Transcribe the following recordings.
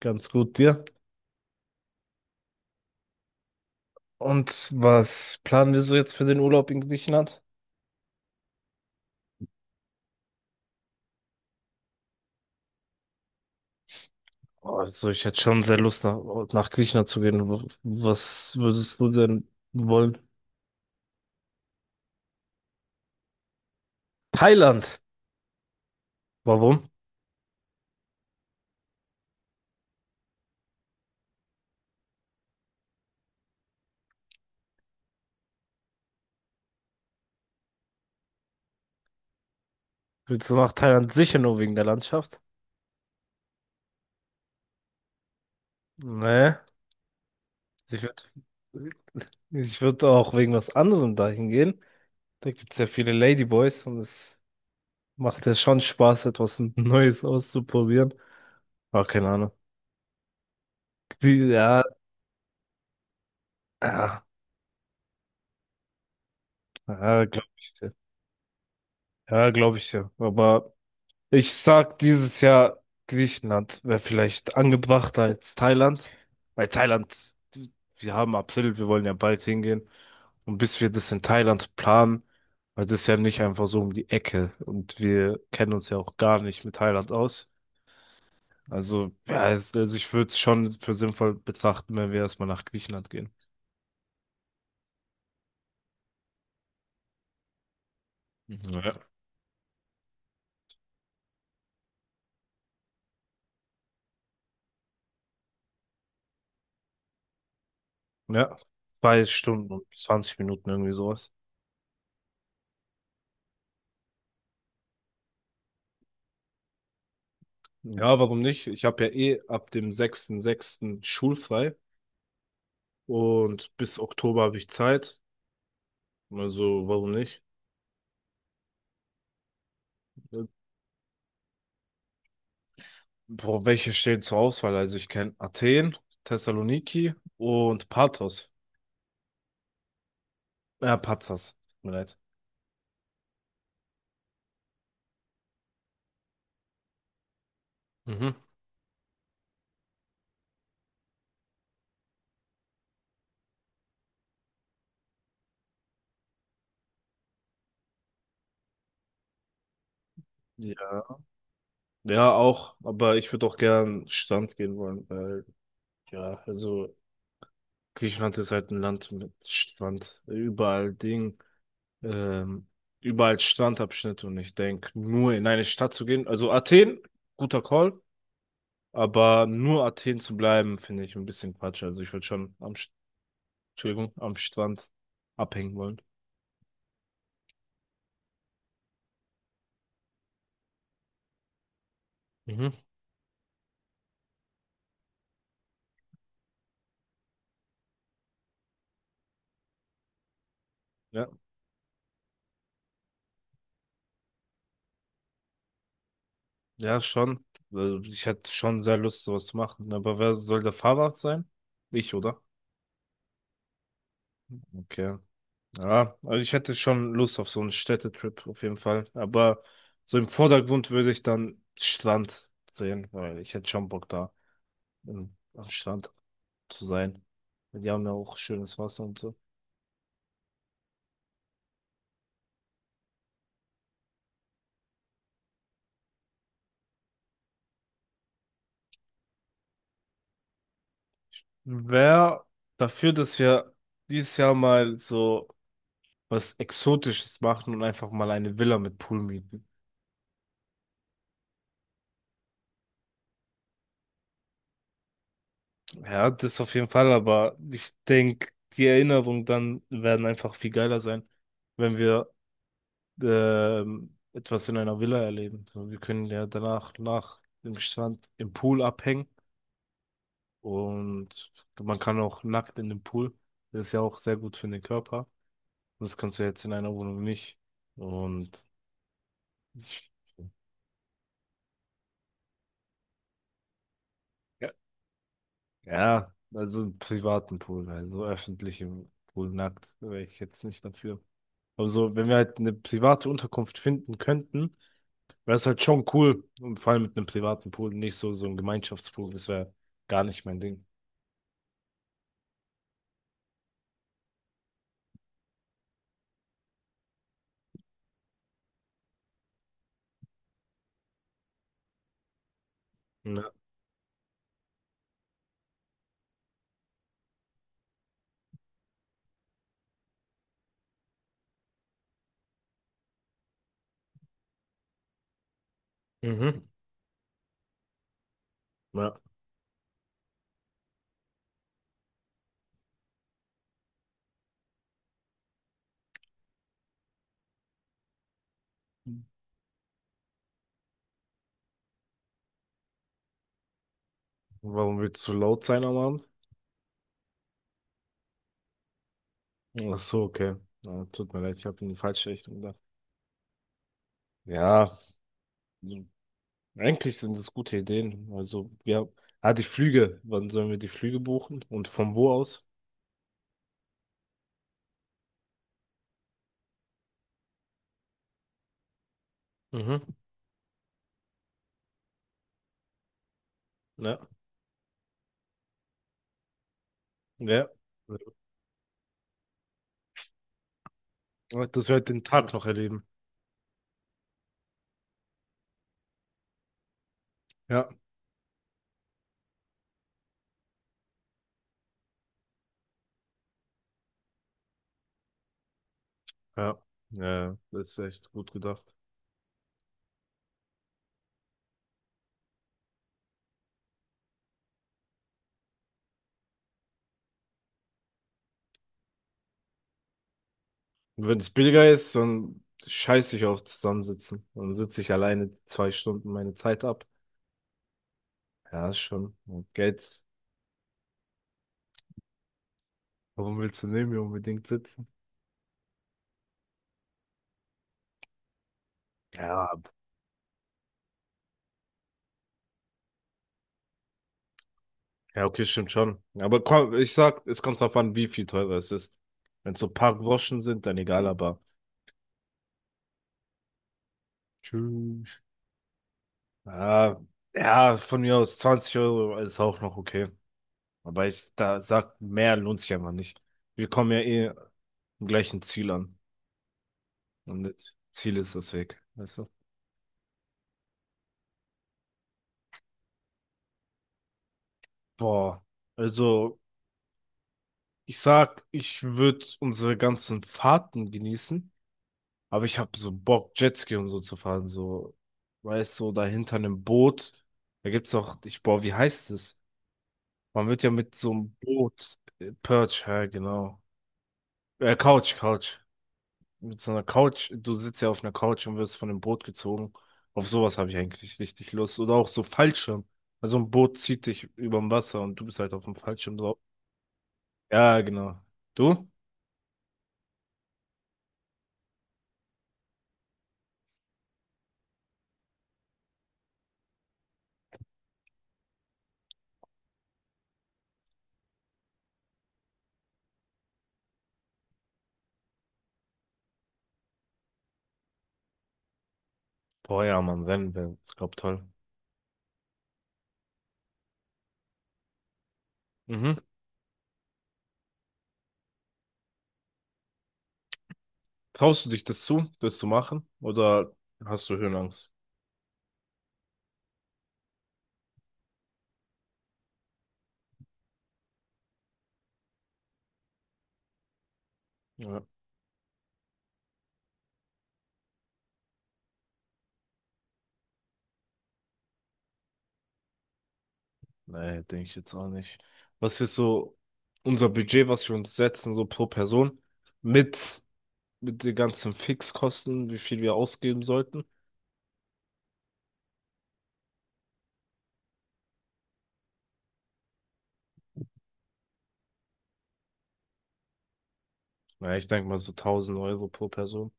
Ganz gut dir. Und was planen wir so jetzt für den Urlaub in Griechenland? Also ich hätte schon sehr Lust nach Griechenland zu gehen. Was würdest du denn wollen? Thailand. Warum? Willst du nach Thailand sicher nur wegen der Landschaft? Nee. Ich würde ich würd auch wegen was anderem dahin gehen. Da gibt es ja viele Ladyboys und es macht ja schon Spaß, etwas Neues auszuprobieren. Ah, keine Ahnung. Ja, ja, ja, glaube ich. Ja, glaube ich ja. Aber ich sag, dieses Jahr Griechenland wäre vielleicht angebrachter als Thailand. Weil Thailand, wir haben April, wir wollen ja bald hingehen. Und bis wir das in Thailand planen, weil das ist ja nicht einfach so um die Ecke. Und wir kennen uns ja auch gar nicht mit Thailand aus. Also, ja, also ich würde es schon für sinnvoll betrachten, wenn wir erstmal nach Griechenland gehen. Mhm. Ja. Ja, 2 Stunden und 20 Minuten irgendwie sowas. Ja, warum nicht? Ich habe ja eh ab dem 6.6. schulfrei und bis Oktober habe ich Zeit. Also, warum nicht? Äh, Boah, welche stehen zur Auswahl? Also, ich kenne Athen, Thessaloniki und Pathos. Ja, Pathos. Tut mir leid. Mhm. Ja, ja, auch, aber ich würde auch gern Strand gehen wollen, weil, ja, also Griechenland ist halt ein Land mit Strand, überall Ding. ähm, Überall Strandabschnitte, und ich denke, nur in eine Stadt zu gehen. Also Athen, guter Call, aber nur Athen zu bleiben, finde ich ein bisschen Quatsch. Also ich würde schon Entschuldigung, am Strand abhängen wollen. Mhm. Ja, ja, schon. Also ich hätte schon sehr Lust, sowas zu machen. Aber wer soll der Fahrrad sein? Ich, oder? Okay. Ja, also ich hätte schon Lust auf so einen Städtetrip auf jeden Fall. Aber so im Vordergrund würde ich dann Strand sehen, weil ich hätte schon Bock da am Strand zu sein. Die haben ja auch schönes Wasser und so. Wer dafür, dass wir dieses Jahr mal so was Exotisches machen und einfach mal eine Villa mit Pool mieten? Ja, das auf jeden Fall, aber ich denke, die Erinnerungen dann werden einfach viel geiler sein, wenn wir etwas in einer Villa erleben. So, wir können ja danach nach dem Strand im Pool abhängen, und man kann auch nackt in den Pool. Das ist ja auch sehr gut für den Körper. Das kannst du jetzt in einer Wohnung nicht. Und ich, ja, ja, also einen privaten Pool, also öffentlichen Pool nackt wäre ich jetzt nicht dafür. Aber so, wenn wir halt eine private Unterkunft finden könnten, wäre es halt schon cool. Und vor allem mit einem privaten Pool, nicht so, so ein Gemeinschaftspool, das wäre gar nicht mein Ding. Ja. Mhm. Ja. Warum willst du laut sein am Abend? Ach so, okay. Ja, tut mir leid, ich habe in die falsche Richtung gedacht. Ja, eigentlich sind es gute Ideen. Also, ja, ah, die Flüge. Wann sollen wir die Flüge buchen? Und von wo aus? Mhm. Ja, ja. Ja, dass wir halt den Tag noch erleben. Ja, ja, ja, das ist echt gut gedacht. Und wenn es billiger ist, dann scheiß ich auf Zusammensitzen. Dann sitze ich alleine 2 Stunden meine Zeit ab. Ja, ist schon. Und Geld, warum willst du neben mir unbedingt sitzen? Ja, ja, okay, stimmt schon. Aber komm, ich sag, es kommt drauf an, wie viel teurer es ist. Wenn es so ein paar Groschen sind, dann egal, aber Tschüss. Ah, ja, von mir aus 20 € ist auch noch okay. Aber ich da sag, mehr lohnt sich einfach nicht. Wir kommen ja eh am gleichen Ziel an. Und das Ziel ist das Weg, weißt du? Boah, also ich sag, ich würde unsere ganzen Fahrten genießen. Aber ich habe so Bock, Jetski und so zu fahren. So, weißt du, so da hinter einem Boot. Da gibt's auch, ich, boah, wie heißt es? Man wird ja mit so einem Boot, Perch, ja, genau. Couch, Couch. Mit so einer Couch, du sitzt ja auf einer Couch und wirst von dem Boot gezogen. Auf sowas habe ich eigentlich richtig Lust. Oder auch so Fallschirm. Also ein Boot zieht dich überm Wasser und du bist halt auf dem Fallschirm drauf. Ja, genau. Du? Boah, ja, Mann, wenn. Ich glaub, toll. Mhm. Traust du dich das zu machen? Oder hast du Höhenangst? Ja. Nee, denke ich jetzt auch nicht. Was ist so unser Budget, was wir uns setzen, so pro Person? Mit, mit den ganzen Fixkosten, wie viel wir ausgeben sollten? Na, ich denke mal so 1000 € pro Person.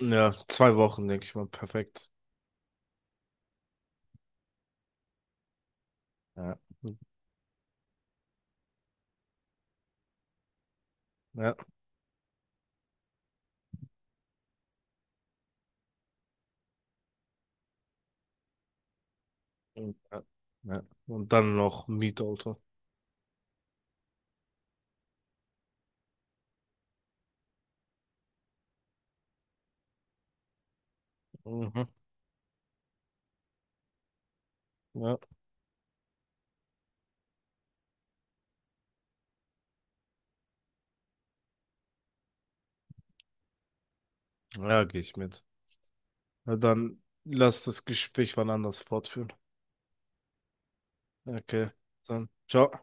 Ja, 2 Wochen, denke ich mal, perfekt. Ja. Ja. Ja. Ja. Und dann noch Mietauto. Mhm. Ja. Ja, gehe ich mit. Na dann lass das Gespräch wann anders fortführen. Okay, dann ciao.